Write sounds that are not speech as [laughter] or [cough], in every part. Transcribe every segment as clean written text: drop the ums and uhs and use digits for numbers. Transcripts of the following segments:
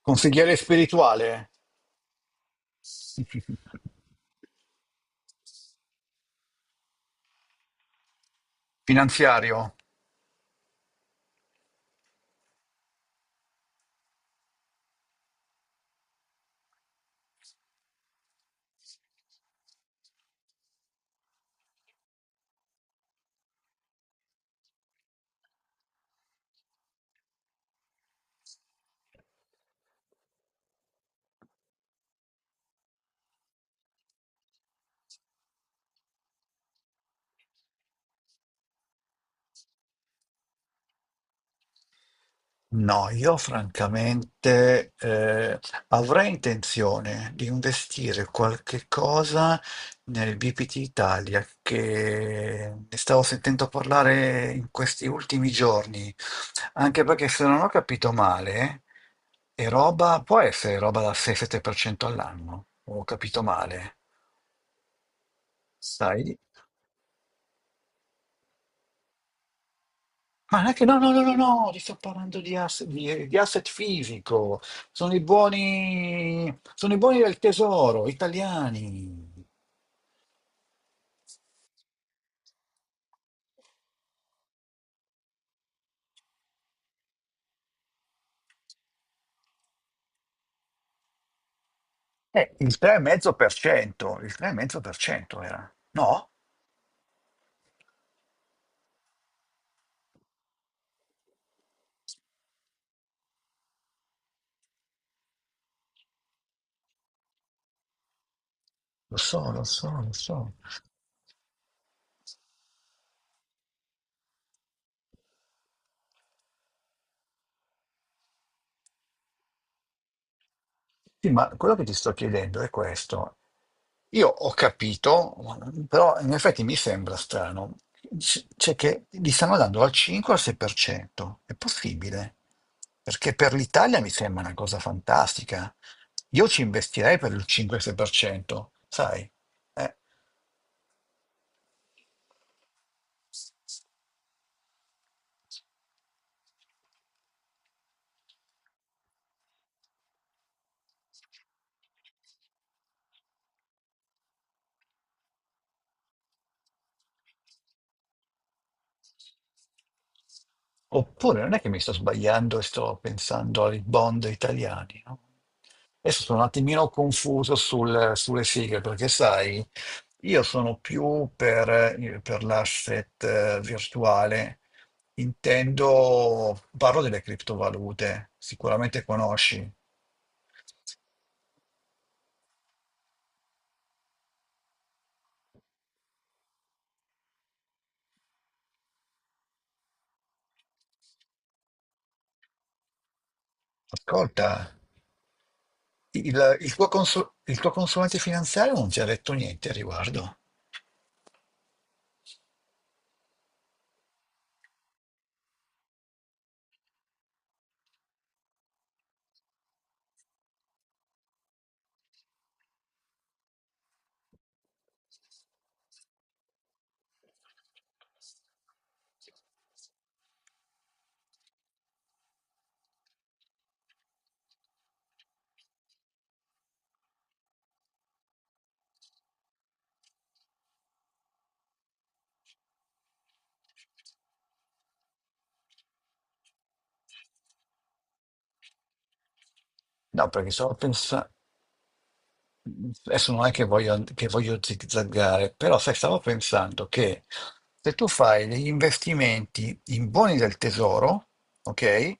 Consigliere spirituale? Finanziario? No, io francamente avrei intenzione di investire qualche cosa nel BPT Italia che ne stavo sentendo parlare in questi ultimi giorni, anche perché se non ho capito male, è roba, può essere roba da 6-7% all'anno, ho capito male. Sai, ma non è che, no, no, no, no, no, ti sto parlando di asset fisico. Sono i buoni del tesoro, italiani. Il 3,5% era. No? Lo so, lo so, lo so. Sì, ma quello che ti sto chiedendo è questo. Io ho capito, però in effetti mi sembra strano, cioè che li stanno dando dal 5 al 6%. È possibile? Perché per l'Italia mi sembra una cosa fantastica. Io ci investirei per il 5-6%, sai? Eh, Oppure non è che mi sto sbagliando e sto pensando ai bond italiani, no? Adesso sono un attimino confuso sulle sigle, perché sai, io sono più per l'asset virtuale, intendo, parlo delle criptovalute, sicuramente conosci. Ascolta, il tuo consulente finanziario non ti ha detto niente a riguardo? No, perché stavo pensando. Adesso non è che voglio zigzaggare, però sai, stavo pensando che se tu fai degli investimenti in buoni del tesoro, ok,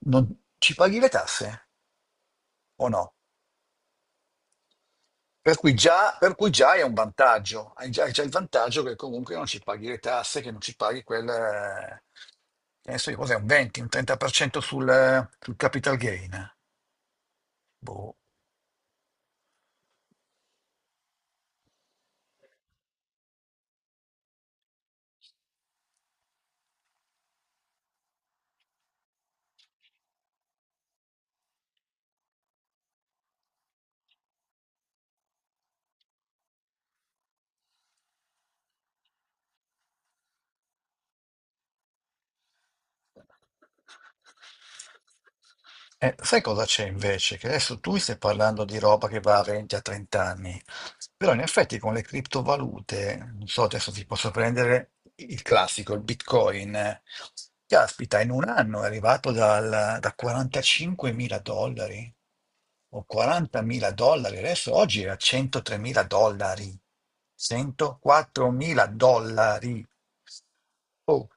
non ci paghi le tasse o no? Per cui già è un vantaggio, hai già il vantaggio che comunque non ci paghi le tasse, che non ci paghi che ne so io, cos'è, un 20, un 30% sul capital gain. Boh. Sai cosa c'è invece? Che adesso tu mi stai parlando di roba che va a 20 a 30 anni, però in effetti con le criptovalute, non so, adesso ti posso prendere il classico, il Bitcoin. Caspita, in un anno è arrivato da 45 mila dollari o 40 mila dollari, adesso oggi è a 103 mila dollari, 104 mila dollari. Oh,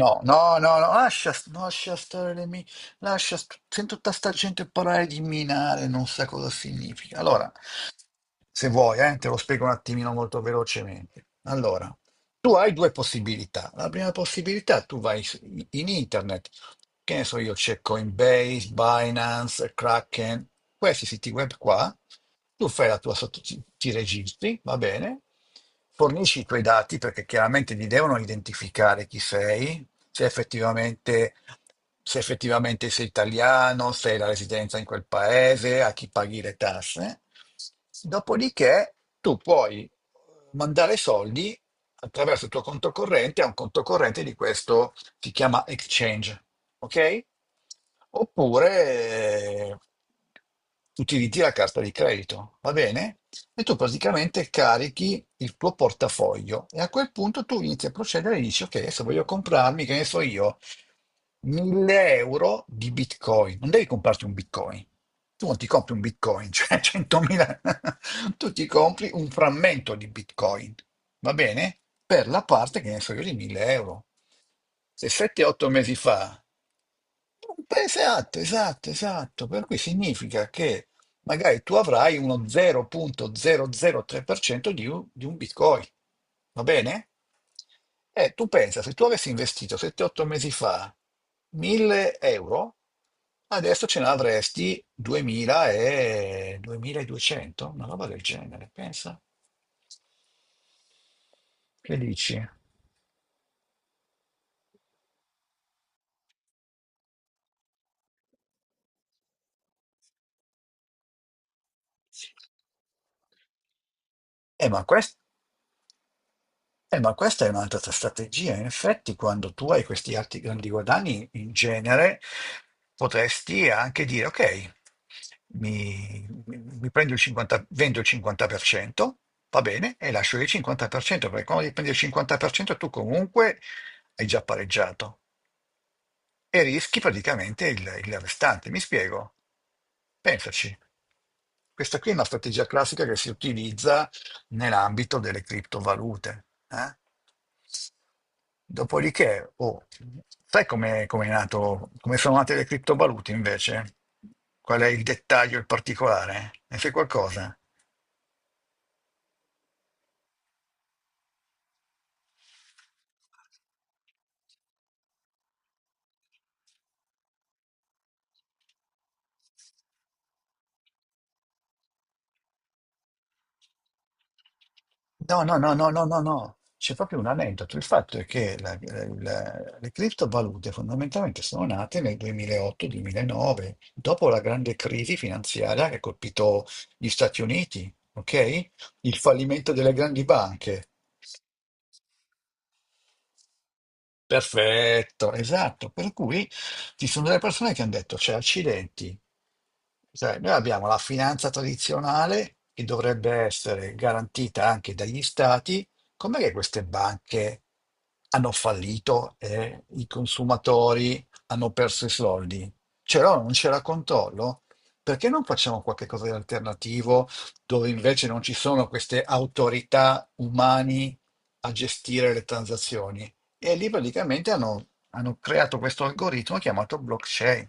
no, no, no, no, lascia stare le mine, sento tutta sta gente parlare di minare, non sa cosa significa. Allora, se vuoi, te lo spiego un attimino molto velocemente. Allora, tu hai due possibilità. La prima possibilità, tu vai in internet, che ne so io, c'è Coinbase, Binance, Kraken, questi siti web qua, tu fai la tua sotto, ti registri, va bene, fornisci i tuoi dati perché chiaramente ti devono identificare chi sei, se effettivamente, se effettivamente sei italiano, se hai la residenza in quel paese, a chi paghi le tasse. Dopodiché tu puoi mandare soldi attraverso il tuo conto corrente a un conto corrente di questo, si chiama exchange, ok? Oppure eh, utilizzi la carta di credito, va bene? E tu praticamente carichi il tuo portafoglio e a quel punto tu inizi a procedere e dici, ok, adesso voglio comprarmi, che ne so io, 1000 euro di Bitcoin. Non devi comprarti un Bitcoin. Tu non ti compri un Bitcoin, [laughs] cioè 100.000. Tu ti compri un frammento di Bitcoin, va bene? Per la parte, che ne so io, di 1000 euro. Se 7-8 mesi fa. Beh, esatto, esatto, esatto. Per cui significa che magari tu avrai uno 0,003% di un Bitcoin. Va bene? E tu pensa, se tu avessi investito 7-8 mesi fa 1000 euro, adesso ce ne avresti 2000 e 2200, una roba del genere, pensa. Che dici? Ma questo. Ma questa è un'altra tua strategia. In effetti, quando tu hai questi alti grandi guadagni, in genere potresti anche dire: ok, mi prendo il 50, vendo il 50%, va bene, e lascio il 50%, perché quando ti prendi il 50% tu comunque hai già pareggiato e rischi praticamente il restante. Mi spiego? Pensaci. Questa qui è una strategia classica che si utilizza nell'ambito delle criptovalute. Dopodiché, oh, sai come è nato, come sono nate le criptovalute invece? Qual è il dettaglio, il particolare? Ne sai qualcosa? No, no, no, no, no, no, no. C'è proprio un aneddoto. Il fatto è che le criptovalute fondamentalmente sono nate nel 2008-2009, dopo la grande crisi finanziaria che ha colpito gli Stati Uniti, ok? Il fallimento delle grandi banche. Perfetto, esatto. Per cui ci sono delle persone che hanno detto, cioè, accidenti, sai, noi abbiamo la finanza tradizionale che dovrebbe essere garantita anche dagli stati, com'è che queste banche hanno fallito e i consumatori hanno perso i soldi? C'era o non c'era controllo? Perché non facciamo qualche cosa di alternativo dove invece non ci sono queste autorità umane a gestire le transazioni? E lì praticamente hanno creato questo algoritmo chiamato blockchain,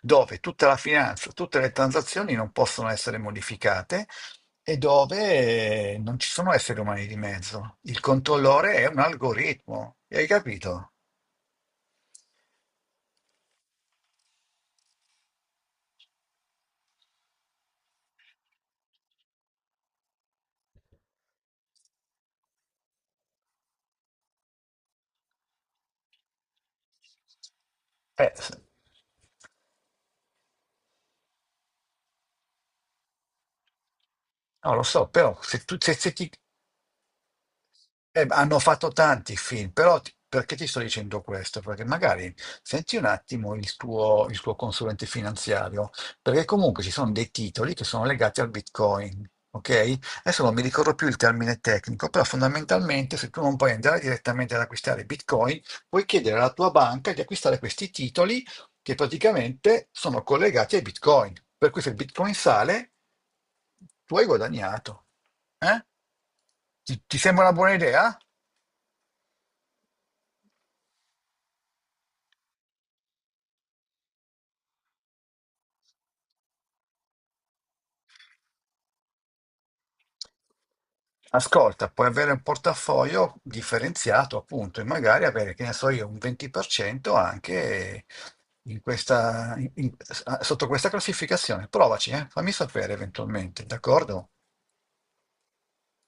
dove tutta la finanza, tutte le transazioni non possono essere modificate e dove non ci sono esseri umani di mezzo. Il controllore è un algoritmo, hai capito? Eh, s- no, lo so, però se tu, se, se ti, Ma hanno fatto tanti film, però perché ti sto dicendo questo? Perché magari senti un attimo il tuo consulente finanziario, perché comunque ci sono dei titoli che sono legati al Bitcoin, ok? Adesso non mi ricordo più il termine tecnico, però fondamentalmente se tu non puoi andare direttamente ad acquistare Bitcoin, puoi chiedere alla tua banca di acquistare questi titoli che praticamente sono collegati ai Bitcoin. Per cui se il Bitcoin sale, tu hai guadagnato, eh? Ti sembra una buona idea? Ascolta, puoi avere un portafoglio differenziato, appunto, e magari avere, che ne so io, un 20% anche in questa, in- in- sotto questa classificazione. Provaci, eh? Fammi sapere eventualmente, d'accordo?